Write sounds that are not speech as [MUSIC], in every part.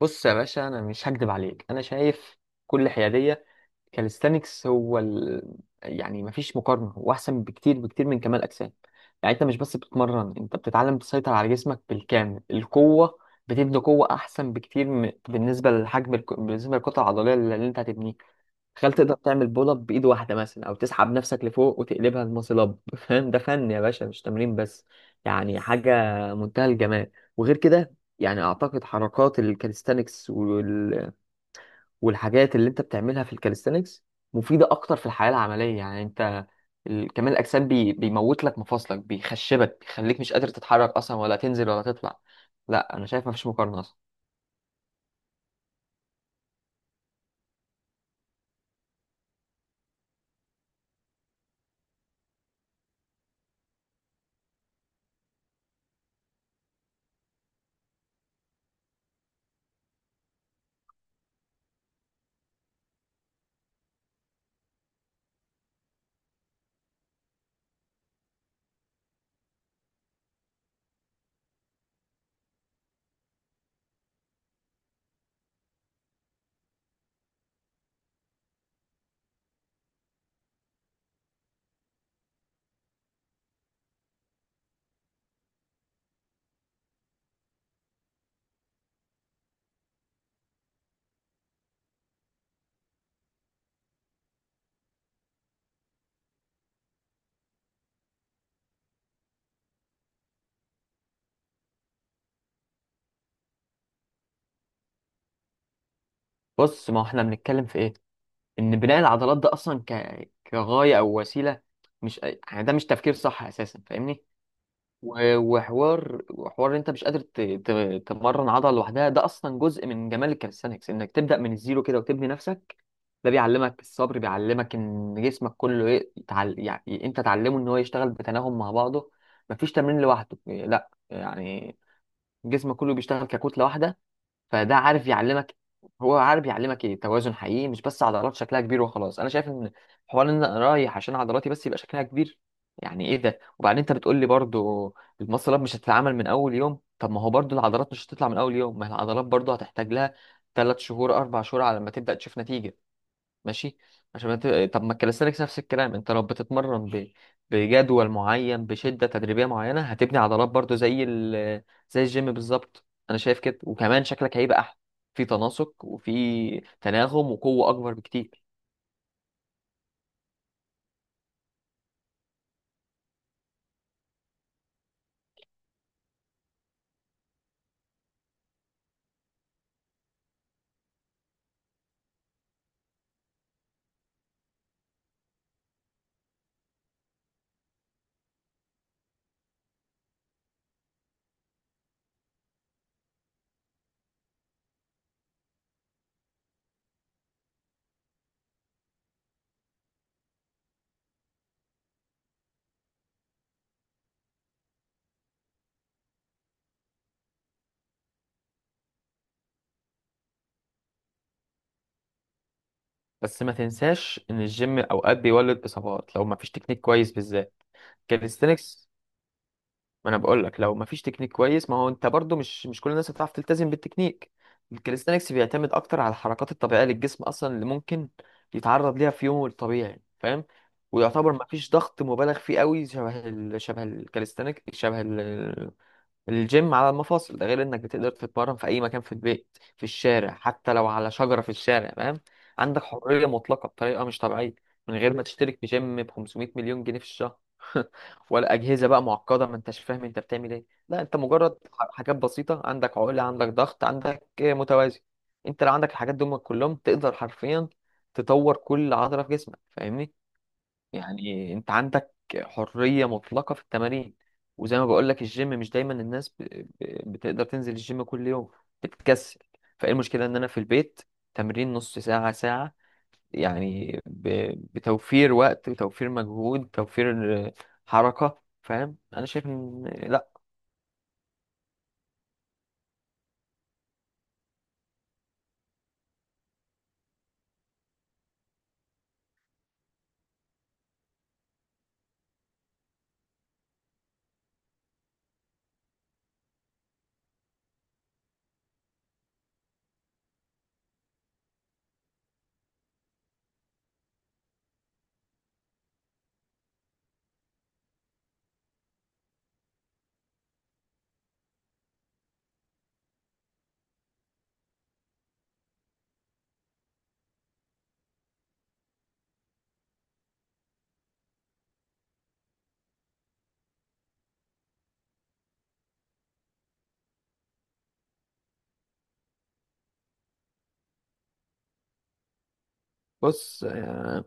بص يا باشا، انا مش هكدب عليك. انا شايف كل حياديه. كاليستانكس يعني مفيش مقارنه، هو احسن بكتير بكتير من كمال اجسام. يعني انت مش بس بتتمرن، انت بتتعلم تسيطر على جسمك بالكامل. القوه بتبني قوه احسن بكتير، بالنسبه للحجم بالنسبه للكتله العضليه اللي انت هتبنيها. تخيل تقدر تعمل بول اب بايد واحده مثلا، او تسحب نفسك لفوق وتقلبها الماسل اب [LAUGHS] فاهم؟ ده فن يا باشا، مش تمرين بس. يعني حاجه منتهى الجمال. وغير كده، يعني اعتقد حركات الكاليستانكس والحاجات اللي انت بتعملها في الكاليستانكس مفيده اكتر في الحياه العمليه. يعني انت، كمال الاجسام بيموت لك مفاصلك، بيخشبك، بيخليك مش قادر تتحرك اصلا، ولا تنزل ولا تطلع. لا، انا شايف مفيش مقارنه اصلا. بص، ما هو احنا بنتكلم في ايه؟ ان بناء العضلات ده اصلا كغايه او وسيله، مش، يعني ده مش تفكير صح اساسا، فاهمني؟ وحوار إن انت مش قادر تمرن عضله لوحدها، ده اصلا جزء من جمال الكاليستانكس، انك تبدا من الزيرو كده وتبني نفسك. ده بيعلمك الصبر، بيعلمك ان جسمك كله يعني انت تعلمه ان هو يشتغل بتناغم مع بعضه. مفيش تمرين لوحده، لا يعني، جسمك كله بيشتغل ككتله واحده. فده عارف يعلمك، هو عارف يعلمك ايه توازن حقيقي، مش بس عضلات شكلها كبير وخلاص. انا شايف ان حوار ان انا رايح عشان عضلاتي بس يبقى شكلها كبير، يعني ايه ده؟ وبعدين انت بتقول لي برضو المصل اب مش هتتعمل من اول يوم. طب ما هو برضو العضلات مش هتطلع من اول يوم، ما هي العضلات برضو هتحتاج لها 3 شهور 4 شهور على ما تبدا تشوف نتيجه. ماشي. عشان ما ت- طب ما الكاليستانكس نفس الكلام، انت لو بتتمرن بجدول معين بشدة تدريبية معينة هتبني عضلات برضو زي الجيم بالظبط. انا شايف كده، وكمان شكلك هيبقى احلى، في تناسق وفي تناغم وقوة اكبر بكتير. بس ما تنساش ان الجيم اوقات بيولد اصابات لو ما فيش تكنيك كويس، بالذات كاليستانكس. ما انا بقول لك لو ما فيش تكنيك كويس، ما هو انت برضو مش كل الناس هتعرف تلتزم بالتكنيك. الكاليستانكس بيعتمد اكتر على الحركات الطبيعيه للجسم اصلا، اللي ممكن يتعرض ليها في يومه الطبيعي، فاهم؟ ويعتبر ما فيش ضغط مبالغ فيه قوي شبه الكاليستانيك، شبه الجيم على المفاصل. ده غير انك بتقدر تتمرن في اي مكان، في البيت، في الشارع، حتى لو على شجرة في الشارع، فاهم؟ عندك حرية مطلقة بطريقة مش طبيعية، من غير ما تشترك في جيم ب 500 مليون جنيه في الشهر [LAUGHS] ولا أجهزة بقى معقدة ما انتش فاهم انت بتعمل ايه. لا، انت مجرد حاجات بسيطة، عندك عقلة، عندك ضغط، عندك متوازي. انت لو عندك الحاجات دول كلهم تقدر حرفيا تطور كل عضلة في جسمك، فاهمني؟ يعني انت عندك حرية مطلقة في التمارين. وزي ما بقول لك، الجيم مش دايما الناس بتقدر تنزل الجيم كل يوم، بتتكسل. فايه المشكلة ان انا في البيت، تمرين نص ساعة ساعة، يعني بتوفير وقت، وتوفير مجهود، توفير حركة. فاهم؟ انا شايف ان لا. بص،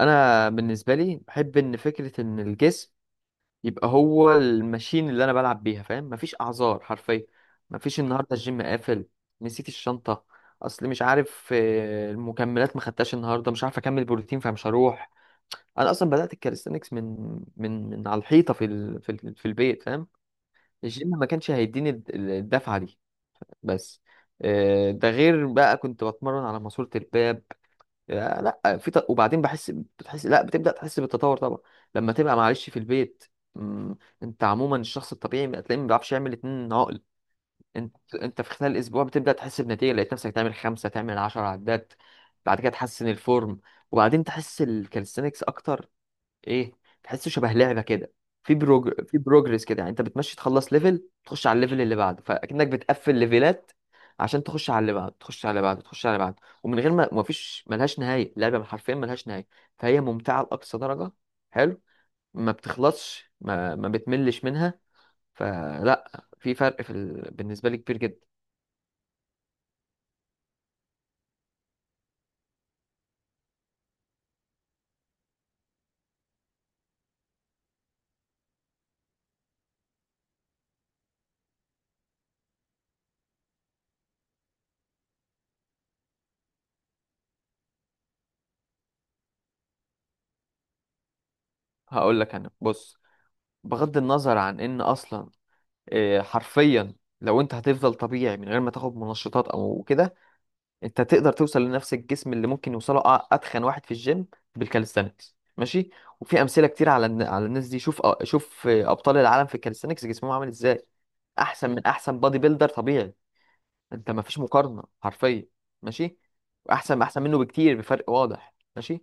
انا بالنسبة لي بحب ان فكرة ان الجسم يبقى هو الماشين اللي انا بلعب بيها، فاهم؟ مفيش اعذار حرفيا. مفيش النهارده الجيم قافل، نسيت الشنطه، اصل مش عارف، المكملات ما خدتهاش النهارده، مش عارف اكمل بروتين، فمش هروح. انا اصلا بدات الكاليستانكس من على الحيطه في البيت، فاهم؟ الجيم ما كانش هيديني الدفعه دي. بس ده غير بقى كنت بتمرن على ماسوره الباب يا لا. وبعدين بتحس، لا، بتبدا تحس بالتطور طبعا لما تبقى معلش في البيت. مم، انت عموما الشخص الطبيعي تلاقيه ما بيعرفش يعمل 2 عقل. انت في خلال اسبوع بتبدا تحس بنتيجه، لقيت نفسك تعمل خمسه، تعمل 10 عدات، بعد كده تحسن الفورم، وبعدين تحس الكالستنكس اكتر، ايه تحسه شبه لعبه كده، في بروجرس كده. يعني انت بتمشي تخلص ليفل، تخش على الليفل اللي بعده، فاكنك بتقفل ليفلات عشان تخش على اللي بعده، تخش على اللي بعده، تخش على اللي بعده. ومن غير ما، ما فيش، ملهاش نهايه لعبه، حرفيا ملهاش نهايه، فهي ممتعه لاقصى درجه، حلو. ما بتخلصش، ما بتملش منها. فلا، في فرق بالنسبه لي كبير جدا. هقول لك، انا بص، بغض النظر عن ان اصلا حرفيا، لو انت هتفضل طبيعي من غير ما تاخد منشطات او كده، انت تقدر توصل لنفس الجسم اللي ممكن يوصله اتخن واحد في الجيم بالكاليستانكس. ماشي؟ وفي امثله كتير على على الناس دي. شوف شوف ابطال العالم في الكاليستانكس جسمهم عامل ازاي، احسن من احسن بادي بيلدر طبيعي. انت ما فيش مقارنه حرفيا، ماشي؟ واحسن منه بكتير، بفرق واضح، ماشي؟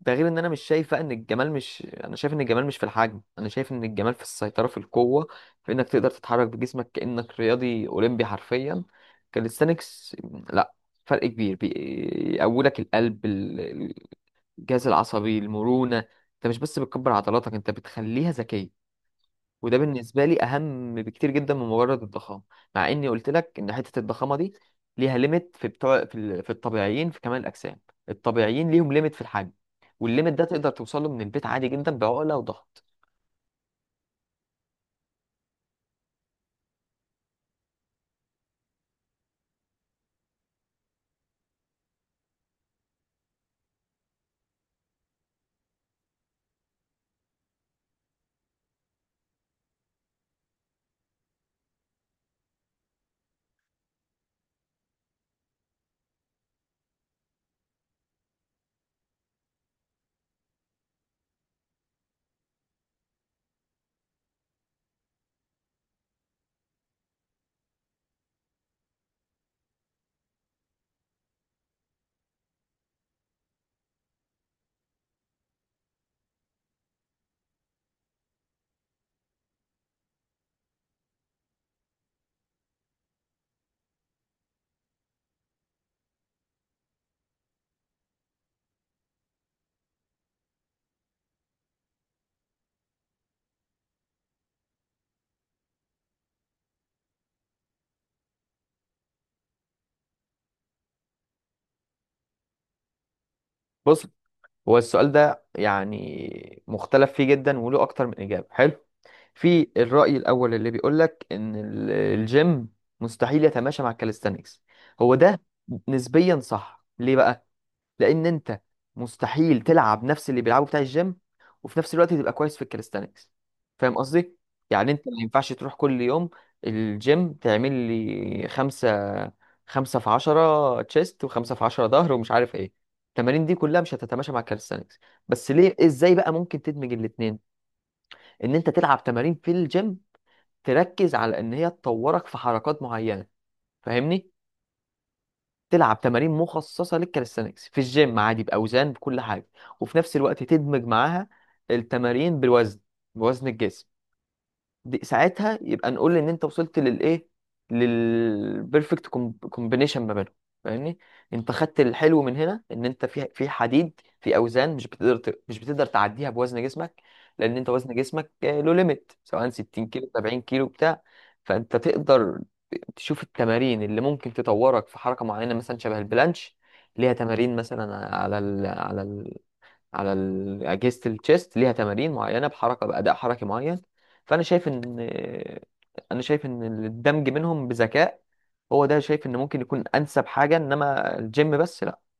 ده غير ان انا مش شايفه ان الجمال، مش، انا شايف ان الجمال مش في الحجم، انا شايف ان الجمال في السيطره، في القوه، في انك تقدر تتحرك بجسمك كانك رياضي اولمبي حرفيا. كاليستانكس، لا، فرق كبير. بيقوي لك القلب، الجهاز العصبي، المرونه. انت مش بس بتكبر عضلاتك، انت بتخليها ذكيه. وده بالنسبة لي أهم بكتير جدا من مجرد الضخامة، مع إني قلت لك إن حتة الضخامة دي ليها ليميت في الطبيعيين في كمال الأجسام. الطبيعيين ليهم ليميت في الحجم، والليميت ده تقدر توصله من البيت عادي جدا بعقلة وضغط. بص، هو السؤال ده يعني مختلف فيه جدا وله أكتر من إجابة، حلو. في الرأي الأول اللي بيقول لك إن الجيم مستحيل يتماشى مع الكاليستانكس، هو ده نسبيا صح. ليه بقى؟ لان انت مستحيل تلعب نفس اللي بيلعبه بتاع الجيم وفي نفس الوقت تبقى كويس في الكاليستانكس، فاهم قصدي؟ يعني انت ما ينفعش تروح كل يوم الجيم تعمل لي خمسة، خمسة في عشرة تشيست، وخمسة في عشرة ظهر، ومش عارف ايه. التمارين دي كلها مش هتتماشى مع الكاليستانكس. بس ليه؟ ازاي بقى ممكن تدمج الاتنين؟ ان انت تلعب تمارين في الجيم تركز على ان هي تطورك في حركات معينة، فاهمني؟ تلعب تمارين مخصصه للكاليستانكس في الجيم عادي باوزان بكل حاجه، وفي نفس الوقت تدمج معاها التمارين بالوزن، بوزن الجسم. دي ساعتها يبقى نقول ان انت وصلت للايه، للبيرفكت كومبينيشن ما بينهم، فاهمني؟ انت خدت الحلو من هنا ان انت في حديد في اوزان مش بتقدر تعديها بوزن جسمك. لان انت وزن جسمك له ليميت، سواء 60 كيلو 70 كيلو بتاع. فانت تقدر تشوف التمارين اللي ممكن تطورك في حركه معينه مثلا شبه البلانش. ليها تمارين مثلا على ال على على ال- أجهزة التشيست ليها تمارين معينة بحركة بأداء حركي معين. فأنا شايف إن أنا شايف إن الدمج منهم بذكاء هو ده. شايف إن ممكن يكون أنسب حاجة، إنما الجيم بس لا.